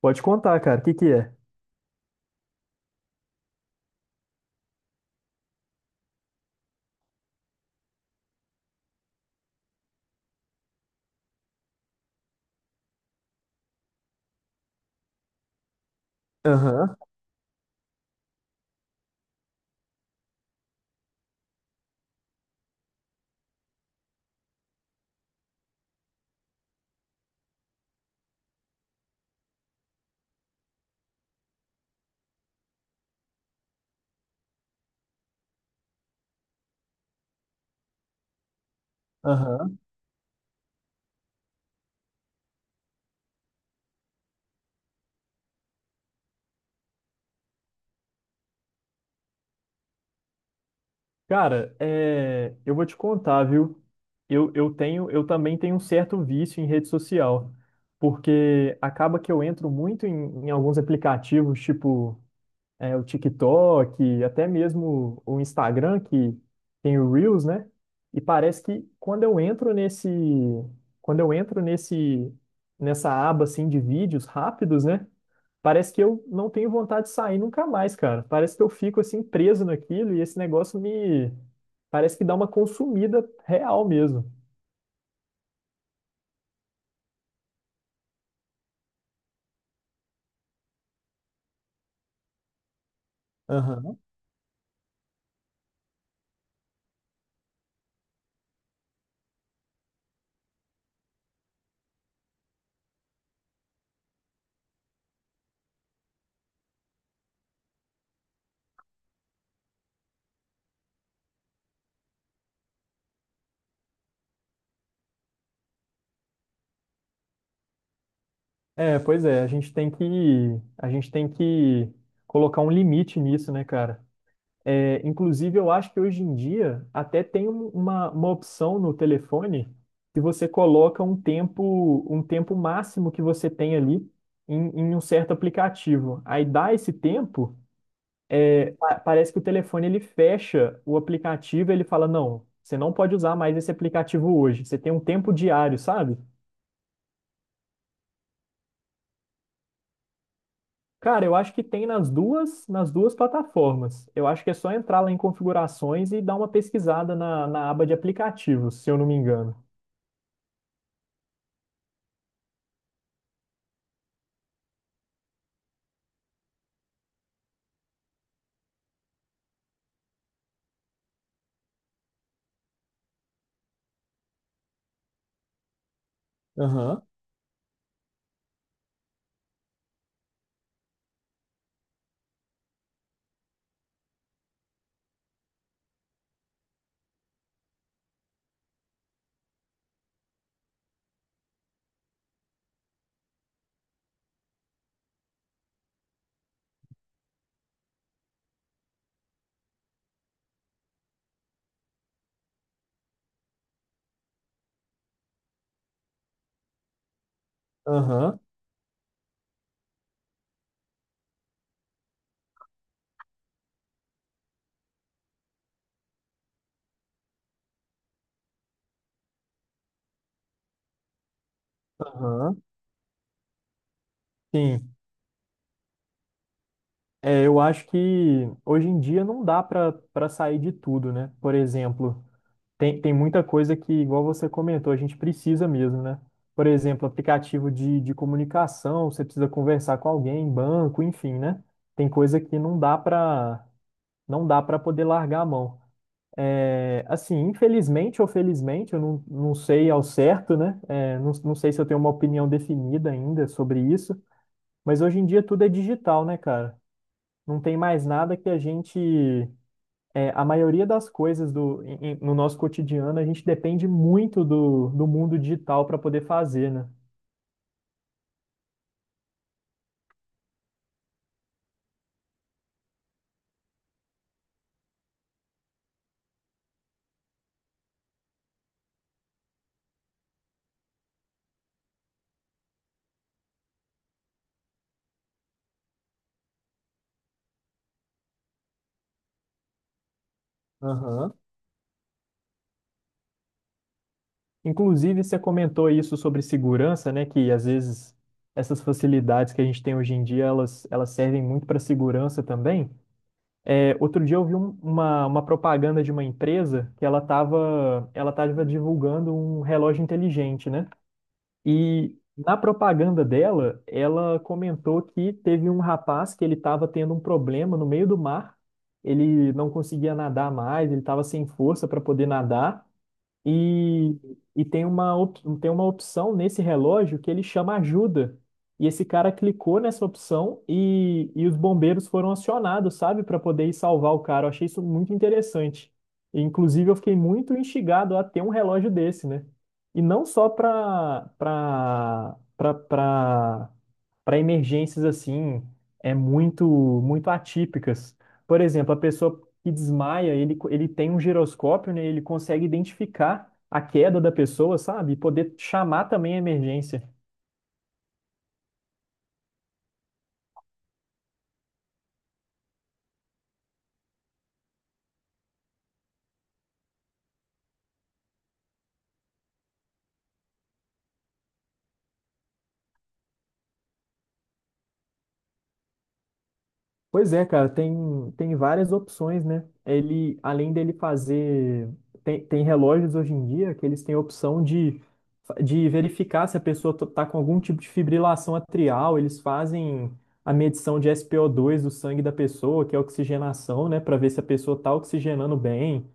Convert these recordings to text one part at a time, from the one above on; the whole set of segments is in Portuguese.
Pode contar, cara. O que que é? Aham, aham. Cara, é, eu vou te contar, viu? Eu também tenho um certo vício em rede social, porque acaba que eu entro muito em alguns aplicativos, tipo o TikTok, até mesmo o Instagram, que tem o Reels, né? E parece que quando eu entro nesse, nessa aba assim de vídeos rápidos, né? Parece que eu não tenho vontade de sair nunca mais, cara. Parece que eu fico assim preso naquilo e esse negócio me parece que dá uma consumida real mesmo. Aham. É, pois é, a gente tem que colocar um limite nisso, né, cara? É, inclusive, eu acho que hoje em dia até tem uma opção no telefone que você coloca um tempo máximo que você tem ali em um certo aplicativo. Aí dá esse tempo, parece que o telefone ele fecha o aplicativo, ele fala: "Não, você não pode usar mais esse aplicativo hoje. Você tem um tempo diário, sabe?" Cara, eu acho que tem nas duas plataformas. Eu acho que é só entrar lá em configurações e dar uma pesquisada na aba de aplicativos, se eu não me engano. Aham, aham, aham. Sim. É, eu acho que hoje em dia não dá para sair de tudo, né? Por exemplo, tem, tem muita coisa que, igual você comentou, a gente precisa mesmo, né? Por exemplo, aplicativo de comunicação, você precisa conversar com alguém, banco, enfim, né? Tem coisa que não dá para poder largar a mão. É, assim, infelizmente ou felizmente, eu não, não sei ao certo, né? É, não sei se eu tenho uma opinião definida ainda sobre isso, mas hoje em dia tudo é digital, né, cara? Não tem mais nada que a gente é, a maioria das coisas do, no nosso cotidiano, a gente depende muito do, do mundo digital para poder fazer, né? Aham. Inclusive, você comentou isso sobre segurança, né? Que às vezes essas facilidades que a gente tem hoje em dia, elas servem muito para segurança também. É, outro dia eu vi uma propaganda de uma empresa que ela tava divulgando um relógio inteligente, né? E na propaganda dela, ela comentou que teve um rapaz que ele estava tendo um problema no meio do mar, ele não conseguia nadar mais, ele estava sem força para poder nadar. E, e tem tem uma opção nesse relógio que ele chama ajuda. E esse cara clicou nessa opção e os bombeiros foram acionados, sabe, para poder ir salvar o cara. Eu achei isso muito interessante. E, inclusive, eu fiquei muito instigado a ter um relógio desse, né? E não só para emergências assim, é muito atípicas. Por exemplo, a pessoa que desmaia, ele tem um giroscópio, né? Ele consegue identificar a queda da pessoa, sabe? E poder chamar também a emergência. Pois é, cara, tem, tem várias opções, né? Ele, além dele fazer. Tem, tem relógios hoje em dia que eles têm a opção de verificar se a pessoa tá com algum tipo de fibrilação atrial, eles fazem a medição de spo dois do sangue da pessoa, que é a oxigenação, né, para ver se a pessoa tá oxigenando bem.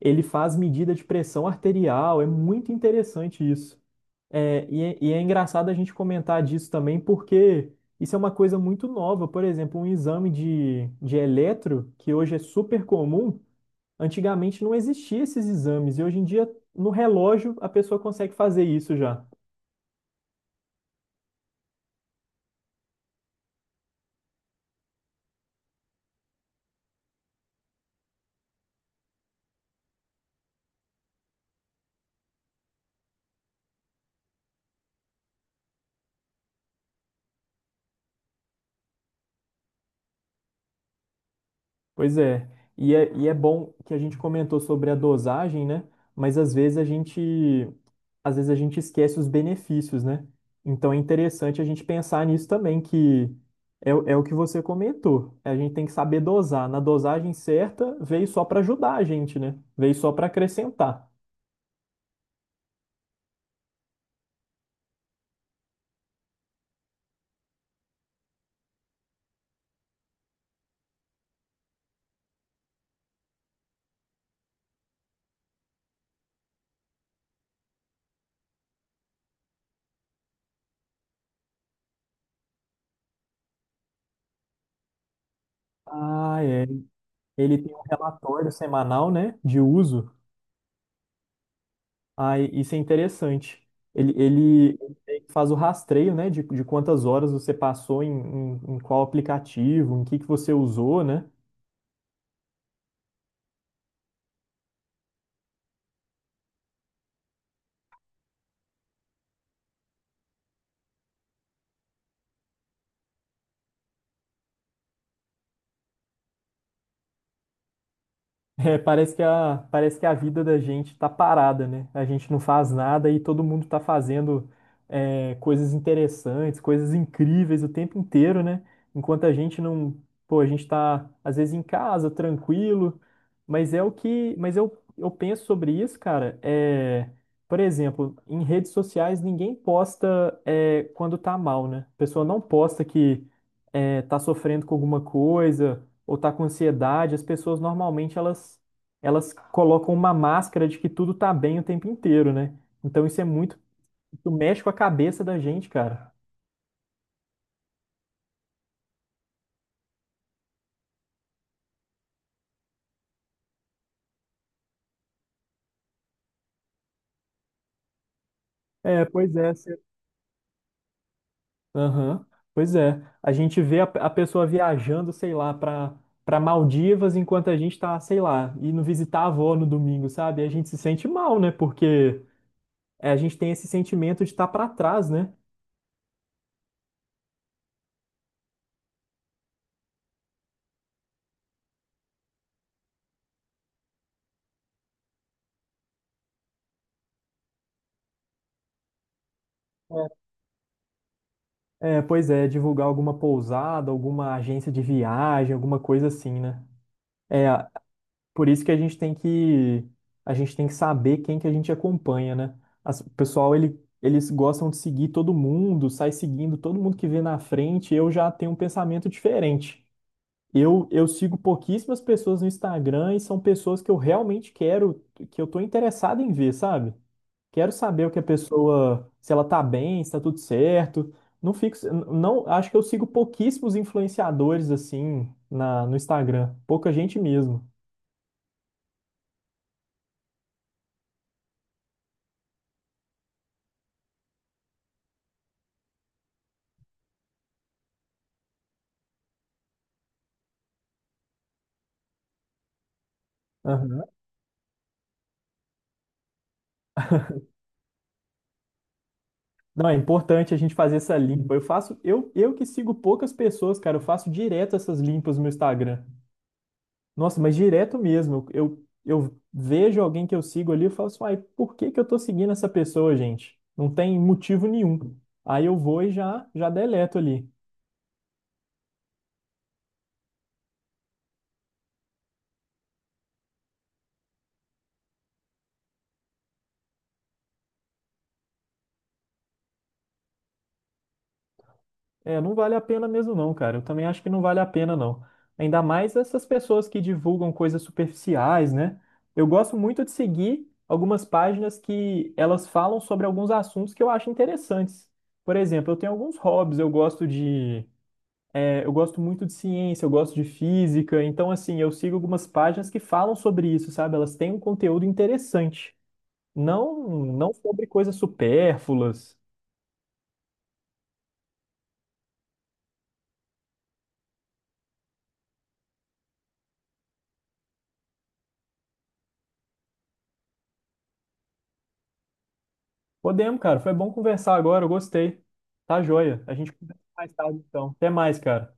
Ele faz medida de pressão arterial, é muito interessante isso. É engraçado a gente comentar disso também, porque isso é uma coisa muito nova. Por exemplo, um exame de eletro, que hoje é super comum, antigamente não existia esses exames, e hoje em dia, no relógio, a pessoa consegue fazer isso já. Pois é. E é bom que a gente comentou sobre a dosagem, né? Mas às vezes a gente esquece os benefícios, né? Então é interessante a gente pensar nisso também, que é o que você comentou. A gente tem que saber dosar. Na dosagem certa, veio só para ajudar a gente, né? Veio só para acrescentar. Ah, é. Ele tem um relatório semanal, né, de uso. Ah, isso é interessante. Ele, ele ele faz o rastreio, né, de quantas horas você passou em qual aplicativo, em que você usou, né? Parece que a vida da gente tá parada, né? A gente não faz nada e todo mundo tá fazendo é, coisas interessantes, coisas incríveis o tempo inteiro, né? Enquanto a gente não, pô, a gente tá às vezes em casa, tranquilo, mas é o que, mas eu penso sobre isso, cara, é, por exemplo, em redes sociais ninguém posta é, quando tá mal, né? A pessoa não posta que é, tá sofrendo com alguma coisa ou tá com ansiedade, as pessoas normalmente elas colocam uma máscara de que tudo tá bem o tempo inteiro, né? Então isso mexe com a cabeça da gente, cara. É, pois é. Aham, pois é. A gente vê a pessoa viajando, sei lá, pra para Maldivas enquanto a gente tá, sei lá, indo visitar a avó no domingo, sabe? E a gente se sente mal, né? Porque é, a gente tem esse sentimento de estar tá para trás, né? É, pois é, divulgar alguma pousada, alguma agência de viagem, alguma coisa assim, né? É, por isso que a gente tem que saber quem que a gente acompanha, né? O pessoal, eles gostam de seguir todo mundo, sai seguindo todo mundo que vê na frente. Eu já tenho um pensamento diferente. Eu sigo pouquíssimas pessoas no Instagram e são pessoas que eu realmente quero, que eu tô interessado em ver, sabe? Quero saber o que a pessoa, se ela tá bem, se tá tudo certo. Não fico, não, acho que eu sigo pouquíssimos influenciadores assim no Instagram, pouca gente mesmo. Não, é importante a gente fazer essa limpa. Eu que sigo poucas pessoas, cara, eu faço direto essas limpas no meu Instagram. Nossa, mas direto mesmo. Eu vejo alguém que eu sigo ali, eu falo assim, ai, por que que eu tô seguindo essa pessoa, gente? Não tem motivo nenhum. Aí eu vou e já deleto ali. É, não vale a pena mesmo não, cara. Eu também acho que não vale a pena não. Ainda mais essas pessoas que divulgam coisas superficiais, né? Eu gosto muito de seguir algumas páginas que elas falam sobre alguns assuntos que eu acho interessantes. Por exemplo, eu tenho alguns hobbies, eu gosto muito de ciência, eu gosto de física, então assim, eu sigo algumas páginas que falam sobre isso, sabe? Elas têm um conteúdo interessante, não sobre coisas supérfluas. Podemos, cara. Foi bom conversar agora. Eu gostei. Tá joia. A gente conversa mais tarde, então. Até mais, cara.